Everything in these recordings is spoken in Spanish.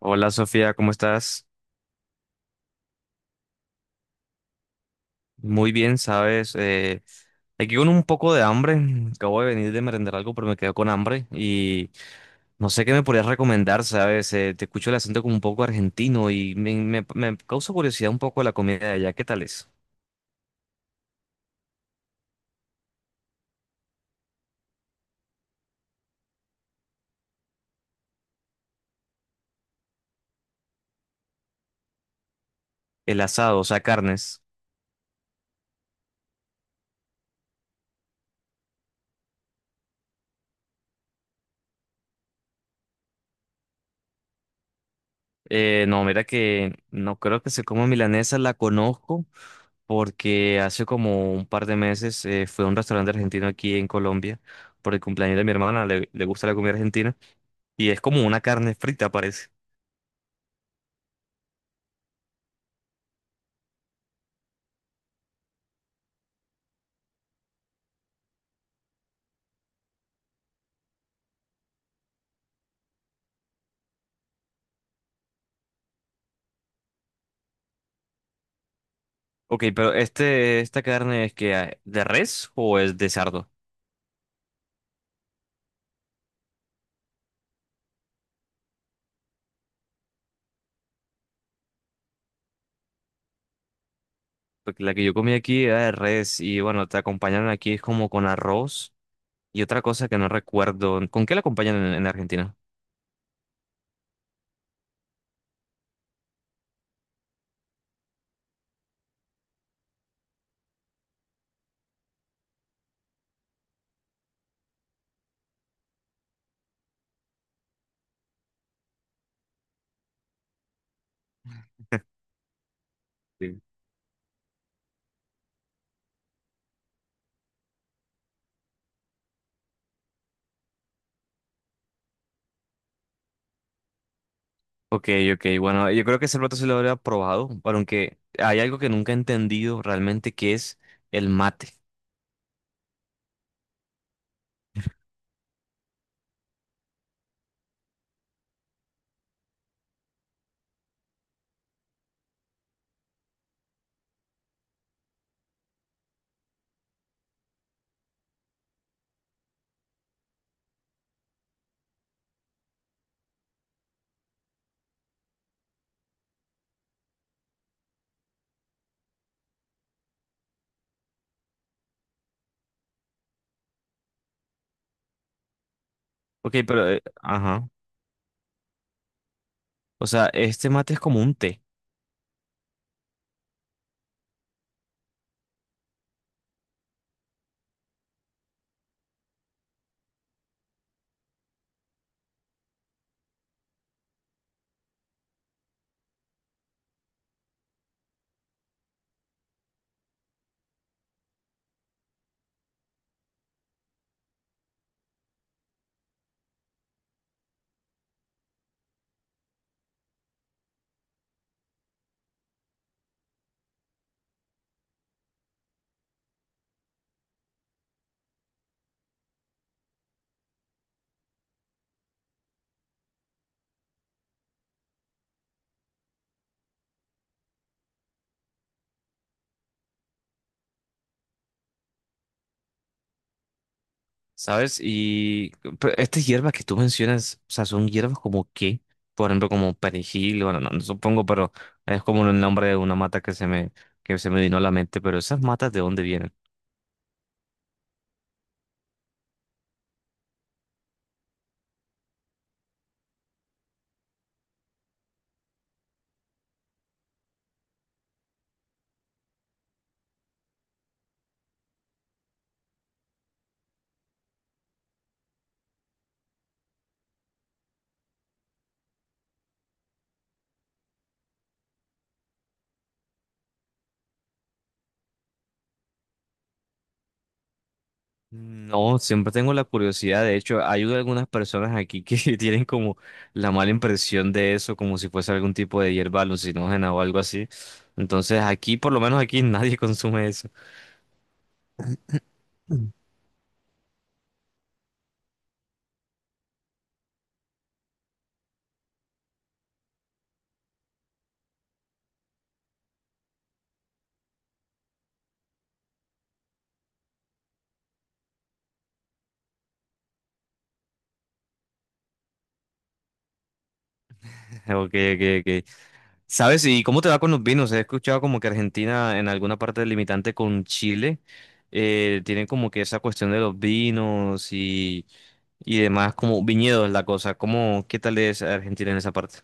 Hola Sofía, ¿cómo estás? Muy bien, sabes, aquí con un poco de hambre, acabo de venir de merendar algo, pero me quedo con hambre y no sé qué me podrías recomendar, sabes. Te escucho el acento como un poco argentino y me causa curiosidad un poco la comida de allá, ¿qué tal es? El asado, o sea, carnes. No, mira que no creo que se coma milanesa, la conozco porque hace como un par de meses fue a un restaurante argentino aquí en Colombia por el cumpleaños de mi hermana, le gusta la comida argentina. Y es como una carne frita, parece. Ok, pero esta carne es que ah, ¿de res o es de cerdo? Porque la que yo comí aquí era de res y bueno, te acompañaron aquí es como con arroz y otra cosa que no recuerdo. ¿Con qué la acompañan en Argentina? Sí. Ok, ok, bueno, yo creo que ese plato sí lo habría probado, pero aunque hay algo que nunca he entendido realmente que es el mate. Ok, pero... ajá. O sea, este mate es como un té. ¿Sabes? Y pero estas hierbas que tú mencionas, o sea, son hierbas como qué, por ejemplo, como perejil, bueno, no, no supongo, pero es como el nombre de una mata que se me vino a la mente, pero esas matas, ¿de dónde vienen? No, siempre tengo la curiosidad, de hecho, hay algunas personas aquí que tienen como la mala impresión de eso, como si fuese algún tipo de hierba alucinógena o algo así. Entonces, aquí, por lo menos aquí, nadie consume eso. Ok, ok, ok. ¿Sabes? ¿Y cómo te va con los vinos? He escuchado como que Argentina en alguna parte del limitante con Chile tienen como que esa cuestión de los vinos y demás, como viñedos la cosa. ¿Cómo, qué tal es Argentina en esa parte?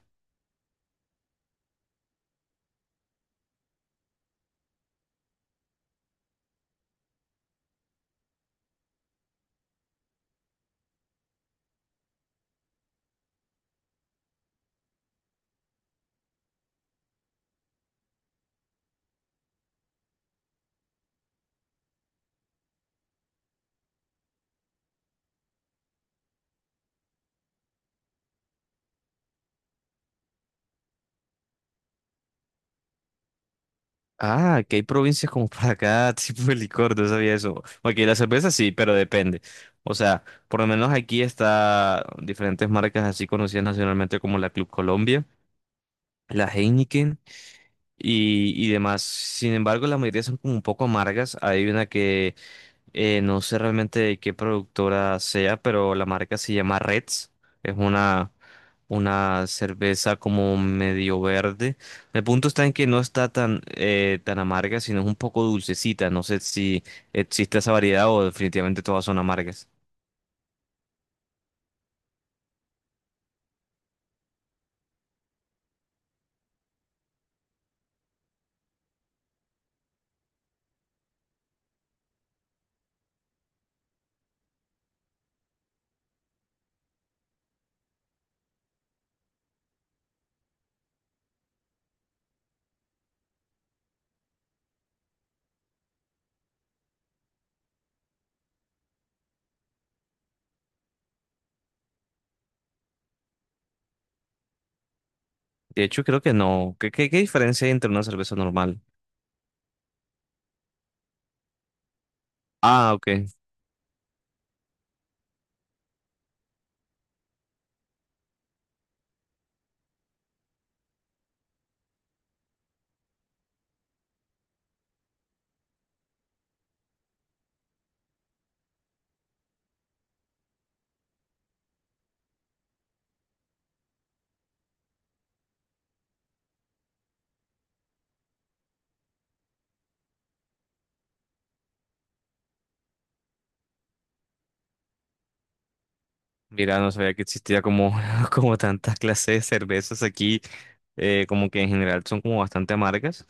Ah, que hay provincias como para cada tipo de licor, no sabía eso. Porque la cerveza sí, pero depende. O sea, por lo menos aquí está diferentes marcas así conocidas nacionalmente como la Club Colombia, la Heineken y demás. Sin embargo, la mayoría son como un poco amargas. Hay una que no sé realmente de qué productora sea, pero la marca se llama Reds. Es una, una cerveza como medio verde. El punto está en que no está tan, tan amarga, sino es un poco dulcecita. No sé si existe esa variedad o definitivamente todas son amargas. De hecho, creo que no. ¿Qué diferencia hay entre una cerveza normal? Ah, ok. Mira, no sabía que existía como, como tantas clases de cervezas aquí, como que en general son como bastante amargas.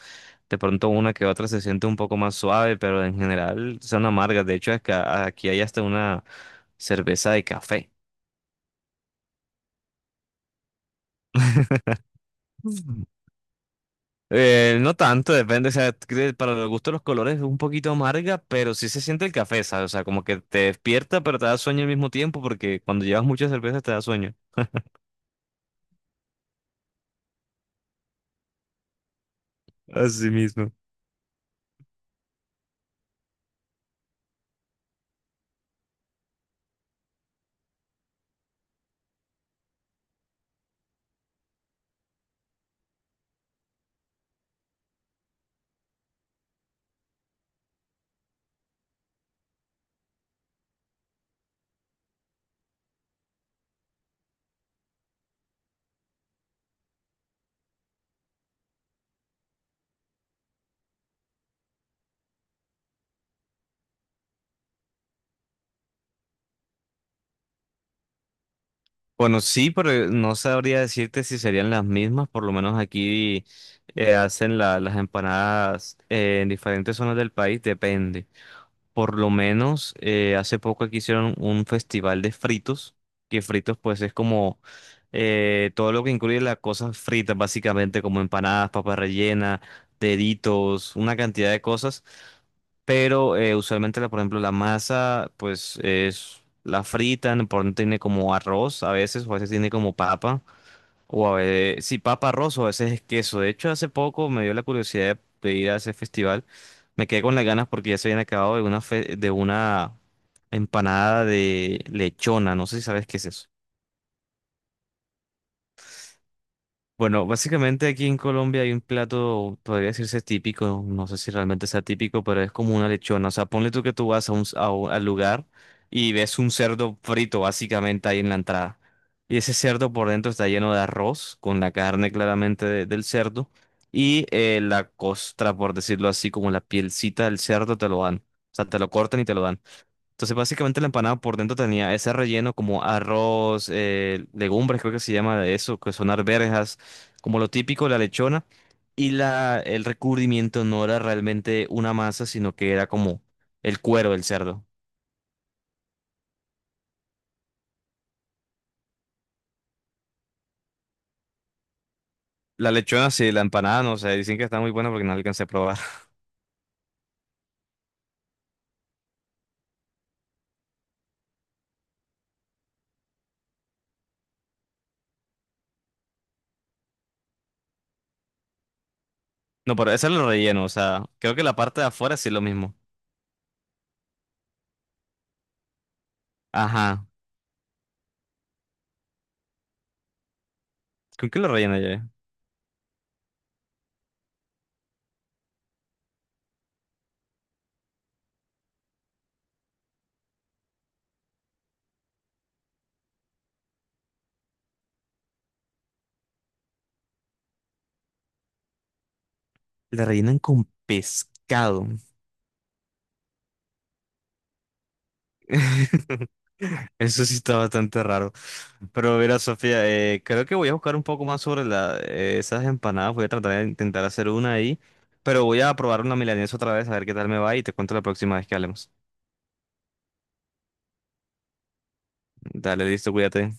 De pronto una que otra se siente un poco más suave, pero en general son amargas. De hecho, es que aquí hay hasta una cerveza de café. Mm. No tanto, depende, o sea, que para los gustos los colores es un poquito amarga, pero sí se siente el café, ¿sabes? O sea, como que te despierta, pero te da sueño al mismo tiempo, porque cuando llevas muchas cervezas te da sueño. Así mismo. Bueno, sí, pero no sabría decirte si serían las mismas. Por lo menos aquí hacen las empanadas en diferentes zonas del país, depende. Por lo menos hace poco aquí hicieron un festival de fritos, que fritos pues es como todo lo que incluye las cosas fritas, básicamente como empanadas, papas rellenas, deditos, una cantidad de cosas, pero usualmente, la, por ejemplo, la masa, pues es la fritan, por ejemplo, tiene como arroz a veces, o a veces tiene como papa, o a veces, sí, papa arroz, o a veces es queso. De hecho, hace poco me dio la curiosidad de ir a ese festival. Me quedé con las ganas porque ya se habían acabado de una, de una empanada de lechona. No sé si sabes qué es eso. Bueno, básicamente aquí en Colombia hay un plato, podría decirse típico, no sé si realmente sea típico, pero es como una lechona. O sea, ponle tú que tú vas a al lugar y ves un cerdo frito básicamente ahí en la entrada. Y ese cerdo por dentro está lleno de arroz, con la carne claramente del cerdo. Y la costra, por decirlo así, como la pielcita del cerdo, te lo dan. O sea, te lo cortan y te lo dan. Entonces, básicamente la empanada por dentro tenía ese relleno como arroz, legumbres, creo que se llama de eso, que son arvejas, como lo típico, la lechona. Y el recubrimiento no era realmente una masa, sino que era como el cuero del cerdo. La lechona, sí, la empanada, no sé, dicen que está muy buena porque no alcancé a probar. No, pero ese es el relleno, o sea, creo que la parte de afuera sí es lo mismo. Ajá, ¿con qué lo rellenan ya? La rellenan con pescado. Eso sí está bastante raro. Pero mira, Sofía, creo que voy a buscar un poco más sobre esas empanadas. Voy a tratar de intentar hacer una ahí. Pero voy a probar una milanesa otra vez, a ver qué tal me va y te cuento la próxima vez que hablemos. Dale, listo, cuídate.